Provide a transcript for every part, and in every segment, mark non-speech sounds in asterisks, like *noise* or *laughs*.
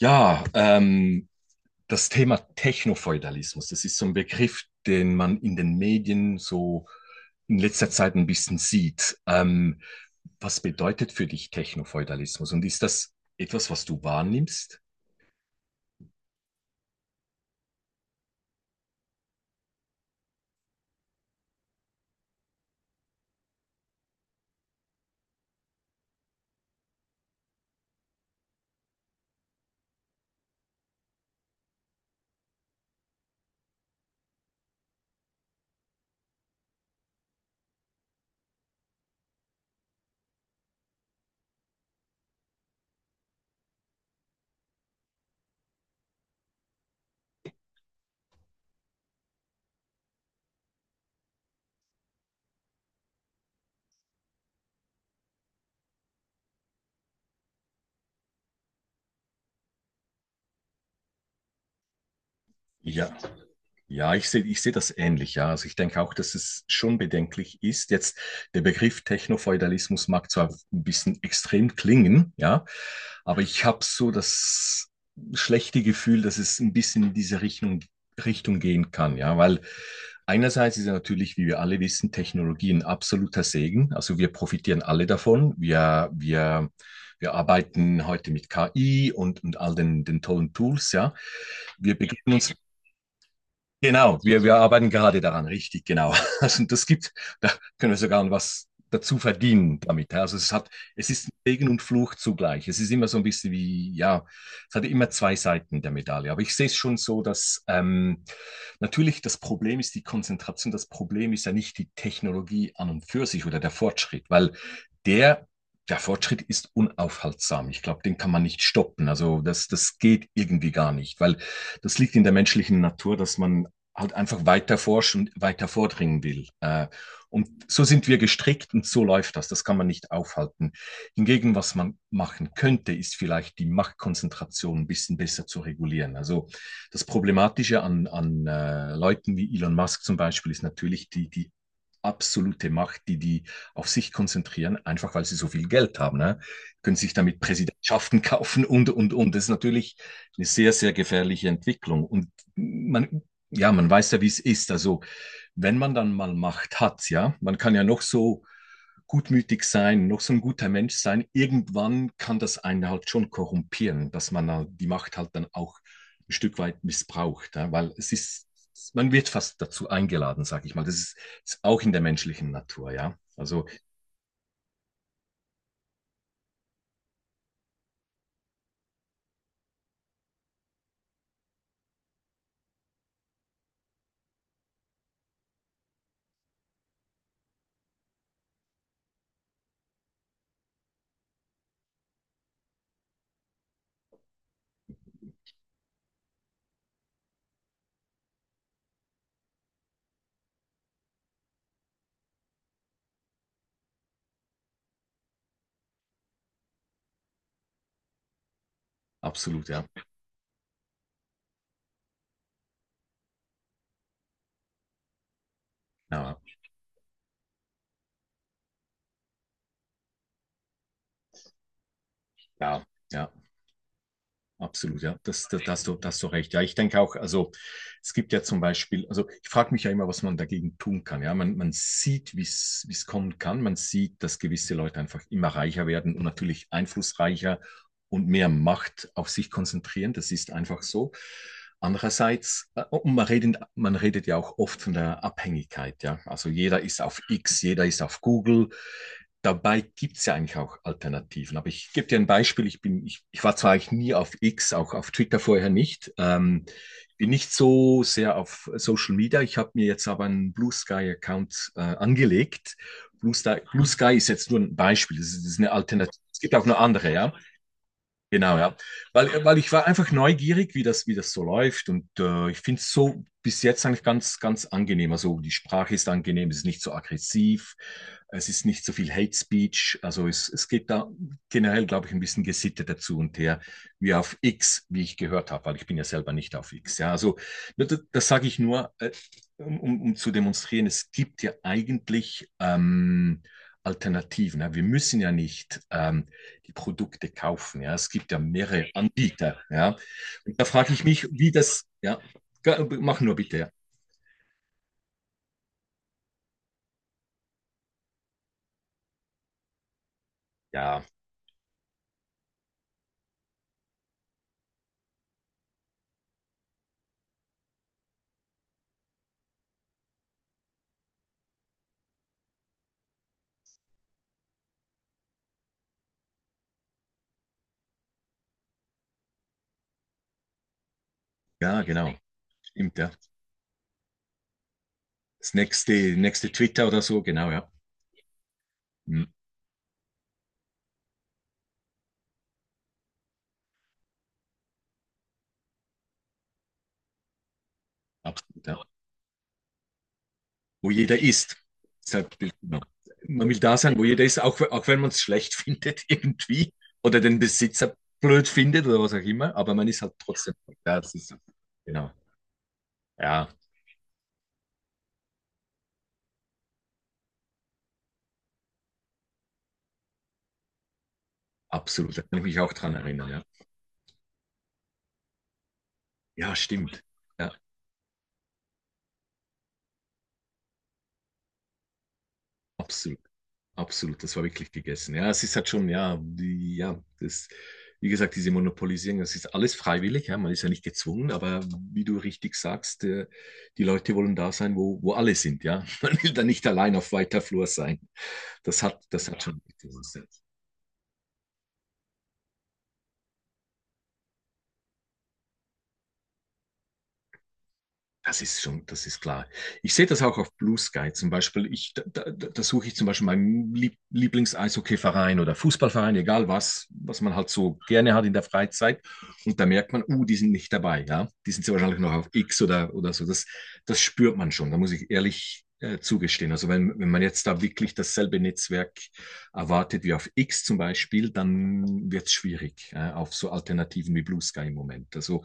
Ja, ähm, Das Thema Technofeudalismus, das ist so ein Begriff, den man in den Medien so in letzter Zeit ein bisschen sieht. Was bedeutet für dich Technofeudalismus und ist das etwas, was du wahrnimmst? Ja, Ja, ich sehe das ähnlich, ja. Also ich denke auch, dass es schon bedenklich ist. Jetzt der Begriff Technofeudalismus mag zwar ein bisschen extrem klingen, ja, aber ich habe so das schlechte Gefühl, dass es ein bisschen in diese Richtung gehen kann, ja, weil einerseits ist ja natürlich, wie wir alle wissen, Technologie ein absoluter Segen. Also wir profitieren alle davon. Wir arbeiten heute mit KI und all den tollen Tools, ja. Wir begeben uns. Genau, wir arbeiten gerade daran, richtig, genau. *laughs* Also das gibt, da können wir sogar was dazu verdienen damit, ja. Also es hat, es ist Segen und Fluch zugleich. Es ist immer so ein bisschen wie, ja, es hat immer zwei Seiten der Medaille. Aber ich sehe es schon so, dass natürlich das Problem ist die Konzentration. Das Problem ist ja nicht die Technologie an und für sich oder der Fortschritt, weil der Der Fortschritt ist unaufhaltsam. Ich glaube, den kann man nicht stoppen. Also das geht irgendwie gar nicht, weil das liegt in der menschlichen Natur, dass man halt einfach weiter forschen, weiter vordringen will. Und so sind wir gestrickt und so läuft das. Das kann man nicht aufhalten. Hingegen, was man machen könnte, ist vielleicht die Machtkonzentration ein bisschen besser zu regulieren. Also das Problematische an Leuten wie Elon Musk zum Beispiel ist natürlich die absolute Macht, die auf sich konzentrieren, einfach weil sie so viel Geld haben. Ne? Können sich damit Präsidentschaften *laughs* kaufen und. Das ist natürlich eine sehr gefährliche Entwicklung. Und man ja, man weiß ja, wie es ist. Also, wenn man dann mal Macht hat, ja, man kann ja noch so gutmütig sein, noch so ein guter Mensch sein. Irgendwann kann das einen halt schon korrumpieren, dass man halt die Macht halt dann auch ein Stück weit missbraucht, ja, weil es ist, man wird fast dazu eingeladen, sag ich mal. Das ist, ist auch in der menschlichen Natur, ja. Also absolut, ja. Ja, ja, ja. Absolut, ja, da hast du, da hast du recht. Ja, ich denke auch, also es gibt ja zum Beispiel, also ich frage mich ja immer, was man dagegen tun kann. Ja, man sieht, wie es kommen kann. Man sieht, dass gewisse Leute einfach immer reicher werden und natürlich einflussreicher und mehr Macht auf sich konzentrieren. Das ist einfach so. Andererseits, und man redet ja auch oft von der Abhängigkeit. Ja, also jeder ist auf X, jeder ist auf Google, dabei gibt es ja eigentlich auch Alternativen. Aber ich gebe dir ein Beispiel. Ich war zwar eigentlich nie auf X, auch auf Twitter vorher nicht. Bin nicht so sehr auf Social Media. Ich habe mir jetzt aber einen Blue Sky-Account angelegt. Blue Sky, Blue Sky ist jetzt nur ein Beispiel. Das ist eine Alternative. Es gibt auch noch andere, ja. Genau, ja. Weil ich war einfach neugierig, wie das so läuft. Und ich finde es so bis jetzt eigentlich ganz angenehm. Also die Sprache ist angenehm, es ist nicht so aggressiv. Es ist nicht so viel Hate Speech. Also es geht da generell, glaube ich, ein bisschen Gesitte dazu und her, wie auf X, wie ich gehört habe, weil ich bin ja selber nicht auf X. Ja, also das sage ich nur, zu demonstrieren, es gibt ja eigentlich Alternativen. Ja. Wir müssen ja nicht die Produkte kaufen. Ja. Es gibt ja mehrere Anbieter. Ja. Und da frage ich mich, wie das, ja, mach nur bitte. Ja, ja, genau. Stimmt, ja. Das nächste Twitter oder so, genau, ja. Mhm, absolut, ja. Wo jeder ist. Deshalb, genau. Man will da sein, wo jeder ist, auch, auch wenn man es schlecht *laughs* findet irgendwie oder den Besitzer blöd findet oder was auch immer, aber man ist halt trotzdem. Ja, das ist, genau. Ja, absolut. Da kann ich mich auch dran erinnern, ja. Ja, stimmt. Ja, absolut. Absolut, das war wirklich gegessen. Ja, es ist halt schon, ja, die, ja, das, wie gesagt, diese Monopolisierung, das ist alles freiwillig, ja, man ist ja nicht gezwungen, aber wie du richtig sagst, die Leute wollen da sein, wo alle sind, ja. *laughs* Man will da nicht allein auf weiter Flur sein. Das hat schon. Das ist schon, das ist klar. Ich sehe das auch auf Blue Sky zum Beispiel. Da suche ich zum Beispiel meinen Lieb- Lieblings-Eishockey-Verein oder Fußballverein, egal was, was man halt so gerne hat in der Freizeit. Und da merkt man, die sind nicht dabei, ja. Die sind sehr wahrscheinlich noch auf X oder so. Das spürt man schon. Da muss ich ehrlich zugestehen. Also wenn man jetzt da wirklich dasselbe Netzwerk erwartet wie auf X zum Beispiel, dann wird es schwierig, auf so Alternativen wie Blue Sky im Moment. Also,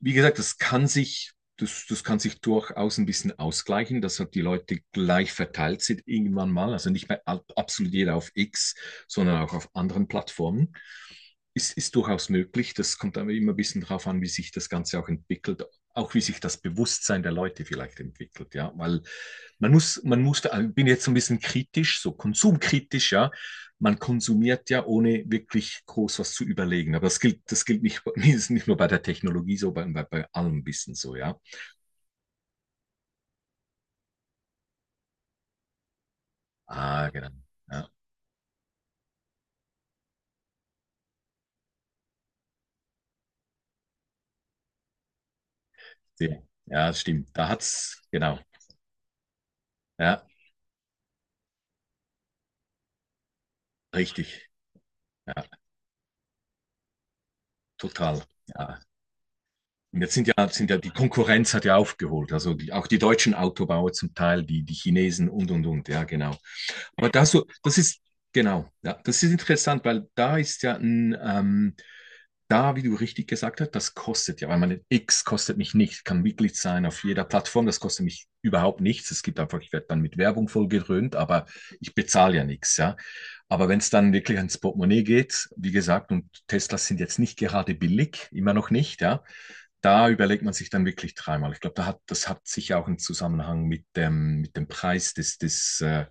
wie gesagt, das kann sich durchaus ein bisschen ausgleichen, dass halt die Leute gleich verteilt sind irgendwann mal. Also nicht mehr absolut jeder auf X, sondern auch auf anderen Plattformen. Ist durchaus möglich. Das kommt aber immer ein bisschen darauf an, wie sich das Ganze auch entwickelt, auch wie sich das Bewusstsein der Leute vielleicht entwickelt, ja, weil ich bin jetzt so ein bisschen kritisch, so konsumkritisch, ja, man konsumiert ja ohne wirklich groß was zu überlegen, aber das gilt nicht, *laughs* nicht nur bei der Technologie so, bei allem ein bisschen so, ja. Ah, genau. Ja, sehr. Ja, das stimmt. Da hat's, genau. Ja, richtig. Ja, total. Ja. Und jetzt die Konkurrenz hat ja aufgeholt. Also die, auch die deutschen Autobauer zum Teil, die Chinesen und. Ja, genau. Aber da so, das ist, genau, ja, das ist interessant, weil da ist ja wie du richtig gesagt hast, das kostet ja, weil meine X kostet mich nichts, kann Mitglied sein auf jeder Plattform, das kostet mich überhaupt nichts. Es gibt einfach, ich werde dann mit Werbung vollgedröhnt, aber ich bezahle ja nichts, ja. Aber wenn es dann wirklich ans Portemonnaie geht, wie gesagt, und Teslas sind jetzt nicht gerade billig, immer noch nicht, ja, da überlegt man sich dann wirklich dreimal. Ich glaube, das hat sicher auch einen Zusammenhang mit dem Preis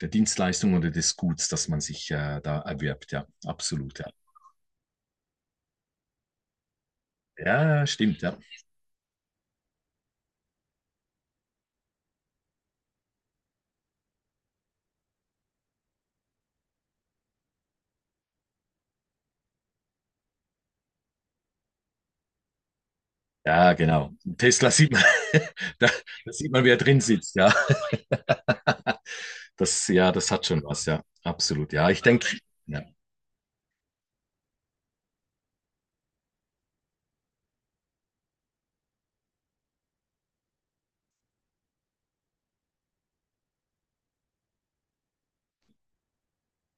der Dienstleistung oder des Guts, das man sich da erwirbt. Ja, absolut. Ja, ja, stimmt. Ja, ja, genau. Tesla sieht man, *laughs* da, da sieht man, wer drin sitzt. Ja, *laughs* das, ja, das hat schon was. Ja, absolut. Ja, ich denke, ja,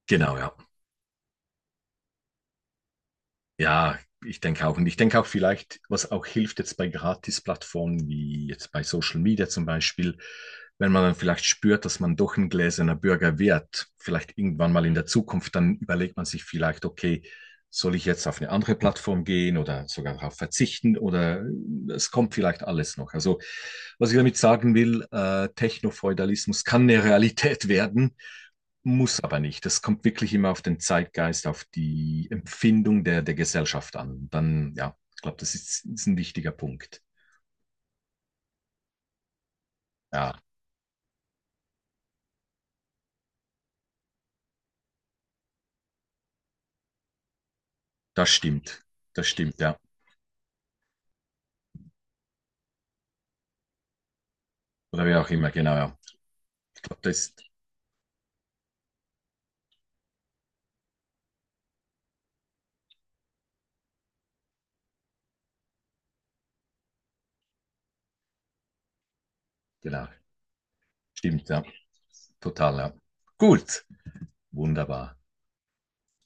genau. Ja. Ja, ich denke auch. Und ich denke auch vielleicht, was auch hilft jetzt bei Gratis-Plattformen, wie jetzt bei Social Media zum Beispiel, wenn man dann vielleicht spürt, dass man doch ein gläserner Bürger wird, vielleicht irgendwann mal in der Zukunft, dann überlegt man sich vielleicht, okay, soll ich jetzt auf eine andere Plattform gehen oder sogar darauf verzichten oder es kommt vielleicht alles noch. Also, was ich damit sagen will, Technofeudalismus kann eine Realität werden, muss aber nicht. Das kommt wirklich immer auf den Zeitgeist, auf die Empfindung der Gesellschaft an. Dann, ja, ich glaube, ist ein wichtiger Punkt. Ja, das stimmt. Das stimmt, ja. Oder wie auch immer, genau, ja. Ich glaube, das ist, genau, stimmt, ja. Total, ja. Gut, wunderbar.